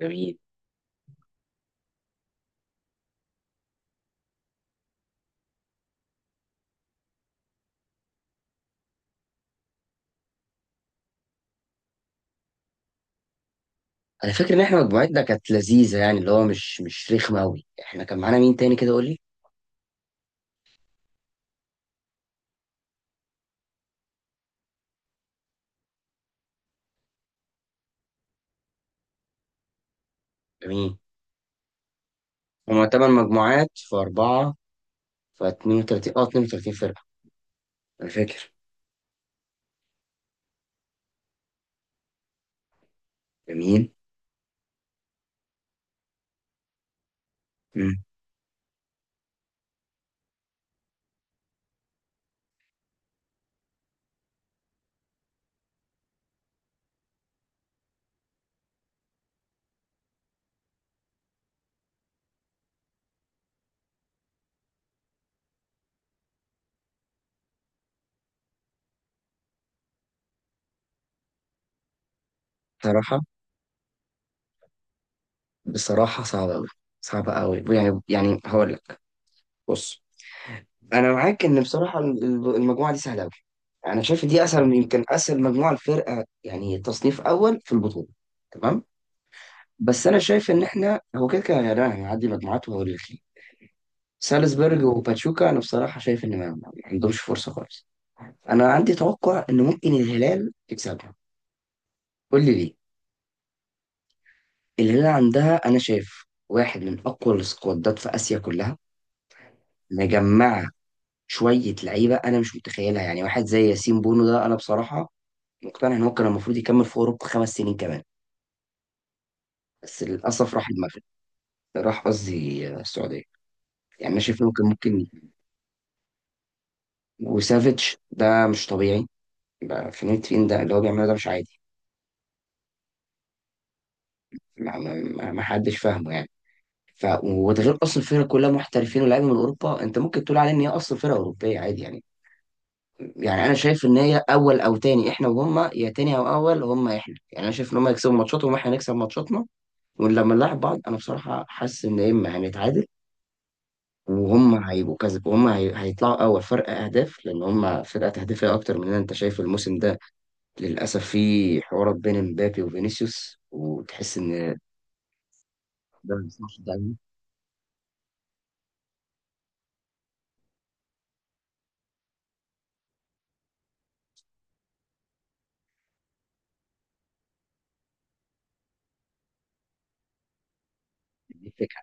جميل. انا فاكر ان احنا مجموعتنا كانت لذيذه، يعني اللي هو مش رخمه قوي. احنا كان معانا مين تاني كده؟ قول لي. جميل. هما 8 مجموعات في 4، ف 32 فرقه، انا فاكر. جميل. مم. بصراحه، صعبه قوي، صعبه قوي، يعني هقول لك. بص، انا معاك ان بصراحه المجموعه دي سهله قوي. انا شايف دي اسهل يمكن اسهل مجموعه الفرقه، يعني تصنيف اول في البطوله. تمام. بس انا شايف ان احنا هو كده كده يعني هنعدي مجموعات، وهقول لك ليه. سالزبورج وباتشوكا انا بصراحه شايف ان ما عندهمش فرصه خالص. انا عندي توقع ان ممكن الهلال يكسبها. قول لي ليه. الهلال عندها انا شايف واحد من اقوى السكوادات في اسيا كلها، مجمعه شويه لعيبه انا مش متخيلها. يعني واحد زي ياسين بونو ده، انا بصراحه مقتنع ان هو كان المفروض يكمل في اوروبا 5 سنين كمان، بس للاسف راح المغرب، راح قصدي السعوديه. يعني انا شايف ان هو كان ممكن. وسافيتش ده مش طبيعي، بقى فلورنتين ده اللي هو بيعمله ده مش عادي. ما حدش فاهمه يعني. ف وده غير اصلا الفرقه كلها محترفين ولاعيبه من اوروبا، انت ممكن تقول عليها ان هي اصلا فرقه اوروبيه عادي يعني. انا شايف ان هي اول او تاني، احنا وهم، يا تاني او اول، هم احنا. يعني انا شايف ان هم يكسبوا ماتشاتهم واحنا نكسب ماتشاتنا، ولما نلعب بعض انا بصراحه حاسس ان يا اما هنتعادل وهم هيبقوا كذا، وهم هيطلعوا اول فرق اهداف لان هم فرقه تهديفيه اكتر مننا. انت شايف الموسم ده، للاسف في حوارات بين مبابي وفينيسيوس وتحس ان ده ما يصلحش. ده دي فكره،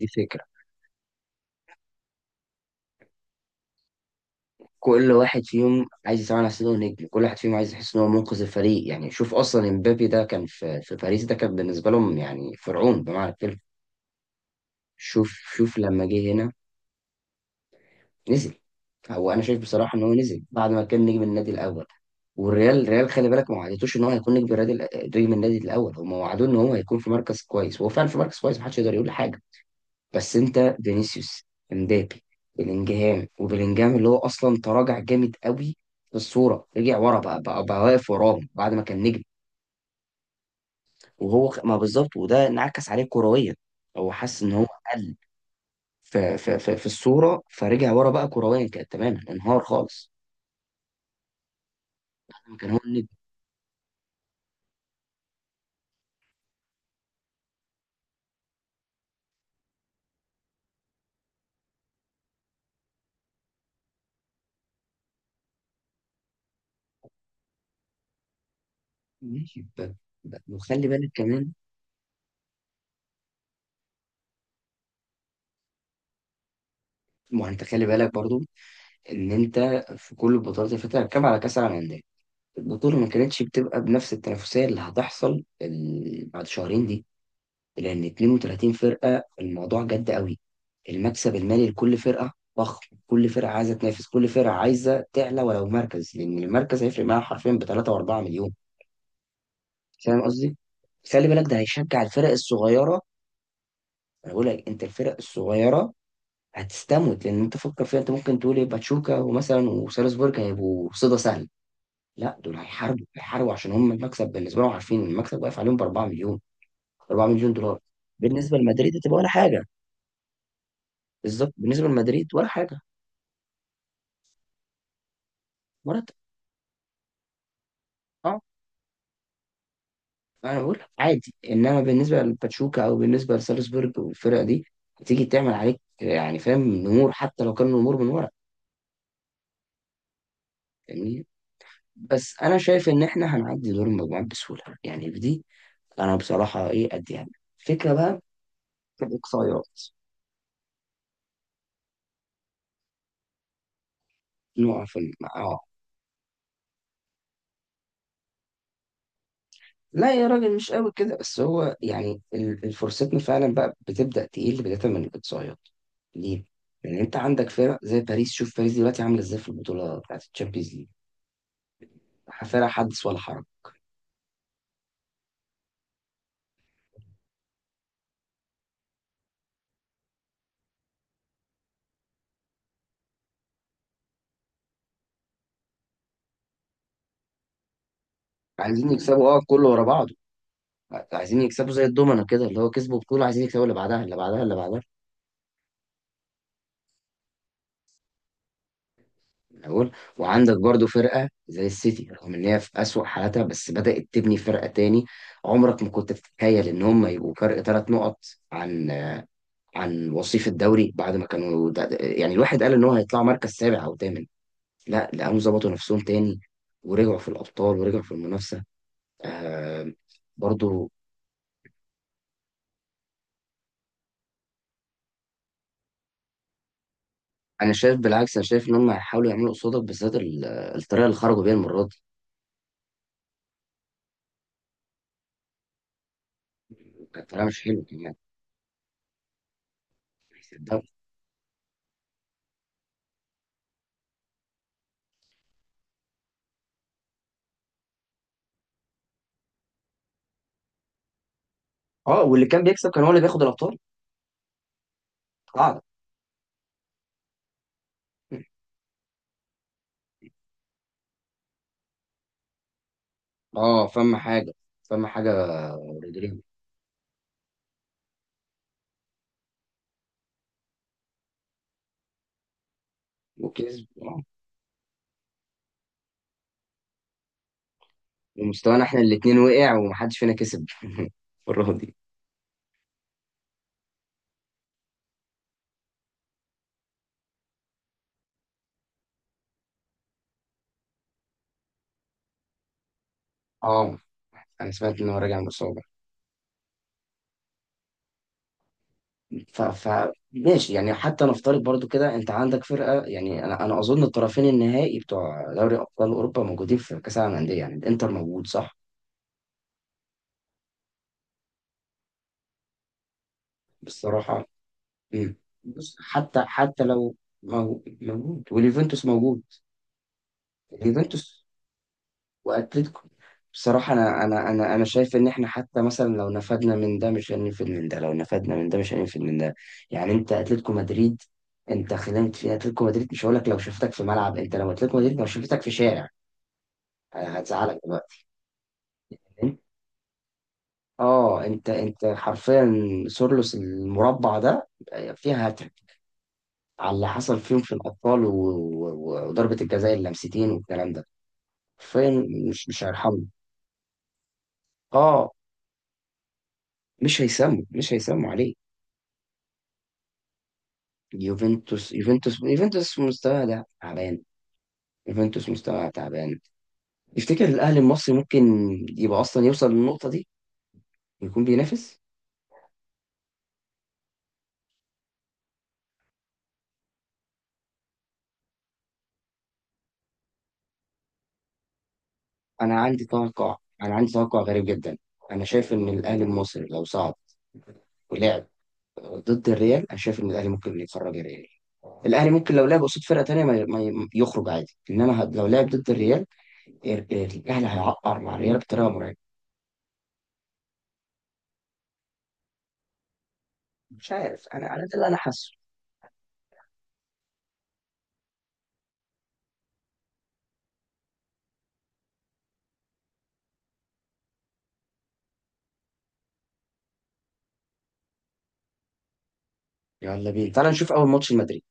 دي فكره كل واحد فيهم عايز يسمع نفسه نجم، كل واحد فيهم عايز يحس ان هو منقذ الفريق. يعني شوف اصلا امبابي ده كان في باريس، ده كان بالنسبه لهم يعني فرعون بمعنى الكلمه. شوف، لما جه هنا نزل. هو انا شايف بصراحه ان هو نزل بعد ما كان نجم النادي الاول، والريال خلي بالك ما وعدتوش ان هو هيكون نجم النادي. نجم النادي الاول هم وعدوه ان هو هيكون في مركز كويس، وهو فعلا في مركز كويس محدش يقدر يقول حاجه. بس انت فينيسيوس، امبابي، بلينجهام وبلينجهام اللي هو اصلا تراجع جامد قوي، في الصوره رجع ورا بقى بقى واقف وراهم بعد ما كان نجم. ما بالظبط، وده انعكس عليه كرويا. هو حس ان هو قل في الصوره، فرجع ورا بقى كرويا، كان تماما انهار خالص بعد ما كان هو النجم. ماشي، وخلي بالك كمان، ما هو انت خلي بالك برضو ان انت في كل البطولات اللي فاتت، هتكلم على كاس العالم للانديه، البطولة ما كانتش بتبقى بنفس التنافسية اللي هتحصل بعد شهرين دي. لأن 32 فرقة الموضوع جد قوي. المكسب المالي لكل فرقة ضخم، كل فرقة عايزة تنافس، كل فرقة عايزة تعلى ولو مركز، لأن المركز هيفرق معاها حرفيا ب 3 و 4 مليون. فاهم قصدي؟ خلي بالك ده هيشجع الفرق الصغيرة. أنا بقول لك أنت الفرق الصغيرة هتستموت، لأن أنت فكر فيها، أنت ممكن تقول إيه، باتشوكا ومثلا وسالزبورج هيبقوا صيدة سهلة. لا، دول هيحاربوا هيحاربوا عشان هم المكسب بالنسبه لهم، عارفين إن المكسب واقف عليهم ب 4 مليون، 4 مليون دولار. بالنسبه لمدريد هتبقى ولا حاجه. بالظبط، بالنسبه لمدريد ولا حاجه. مرتب. اه انا بقول لك عادي، انما بالنسبه لباتشوكا او بالنسبه لسالزبورج والفرقه دي، هتيجي تعمل عليك، يعني فاهم، نمور حتى لو كان نمور من ورا. فاهمني؟ بس انا شايف ان احنا هنعدي دور المجموعات بسهوله، يعني في دي انا بصراحه ايه اديها لك. الفكره بقى في الاقصائيات. اه، لا يا راجل مش قوي كده. بس هو يعني الفرصتنا فعلا بقى بتبدأ تقل بداية من الإقصائيات. ليه؟ لأن أنت عندك فرق زي باريس، شوف باريس دلوقتي عاملة إزاي في البطولة بتاعت الشامبيونز ليج، فرق حدث ولا حرج. عايزين يكسبوا كله ورا بعضه، عايزين يكسبوا زي الدومنة كده، اللي هو كسبوا بطولة عايزين يكسبوا اللي بعدها اللي بعدها اللي بعدها من أول. وعندك برضو فرقة زي السيتي رغم إن هي في أسوأ حالاتها، بس بدأت تبني فرقة تاني. عمرك ما كنت تتخيل إن هم يبقوا فرق 3 نقط عن وصيف الدوري، بعد ما كانوا يعني الواحد قال ان هو هيطلعوا مركز سابع او ثامن، لا لقوهم ظبطوا نفسهم تاني ورجعوا في الابطال ورجعوا في المنافسه. آه. برضو انا شايف بالعكس، انا شايف ان هم هيحاولوا يعملوا قصادك بالذات الطريقه اللي خرجوا بيها المره دي، كانت طريقه مش حلوه كمان. الدوري. اه، واللي كان بيكسب كان هو اللي بياخد الابطال. قاعده. اه فما حاجه، فما حاجه رودريجو. وكسب آه. ومستوانا احنا الاثنين وقع، ومحدش فينا كسب المره دي اه انا سمعت ان هو راجع من الاصابه. ف... ف ماشي يعني، حتى نفترض برضو كده انت عندك فرقه. يعني انا اظن الطرفين النهائي بتوع دوري ابطال اوروبا موجودين في كاس العالم للانديه، يعني الانتر موجود صح؟ بصراحه. مم. بص، حتى لو موجود، واليوفنتوس موجود. اليوفنتوس واتلتيكو. بصراحة، أنا شايف إن إحنا حتى مثلا لو نفدنا من ده مش هننفد من ده، لو نفدنا من ده مش هننفد من ده. يعني أنت أتلتيكو مدريد، أنت خدمت في أتلتيكو مدريد. مش هقول لك لو شفتك في ملعب، أنت لو أتلتيكو مدريد لو شفتك في شارع هتزعلك دلوقتي. فاهم؟ أه أنت أنت حرفيا سورلوس المربع ده فيها هاتريك على اللي حصل فيهم في الأبطال وضربة الجزاء اللمستين والكلام ده. حرفيا مش هيرحمه. أه مش هيسموا عليه. يوفنتوس مستوى ده تعبان. يوفنتوس مستوى تعبان. تفتكر الاهلي المصري ممكن يبقى اصلا يوصل للنقطه دي ويكون بينافس؟ انا عندي توقع انا عندي توقع غريب جدا. انا شايف ان الاهلي المصري لو صعد ولعب ضد الريال، انا شايف ان الاهلي ممكن يخرج الريال. الاهلي ممكن لو لعب قصاد فرقه تانيه ما يخرج عادي، انما لو لعب ضد الريال الاهلي هيعقر مع الريال بطريقه مرعبه. مش عارف، انا ده اللي انا حاسه. يلا بينا تعال نشوف اول ماتش المدريد.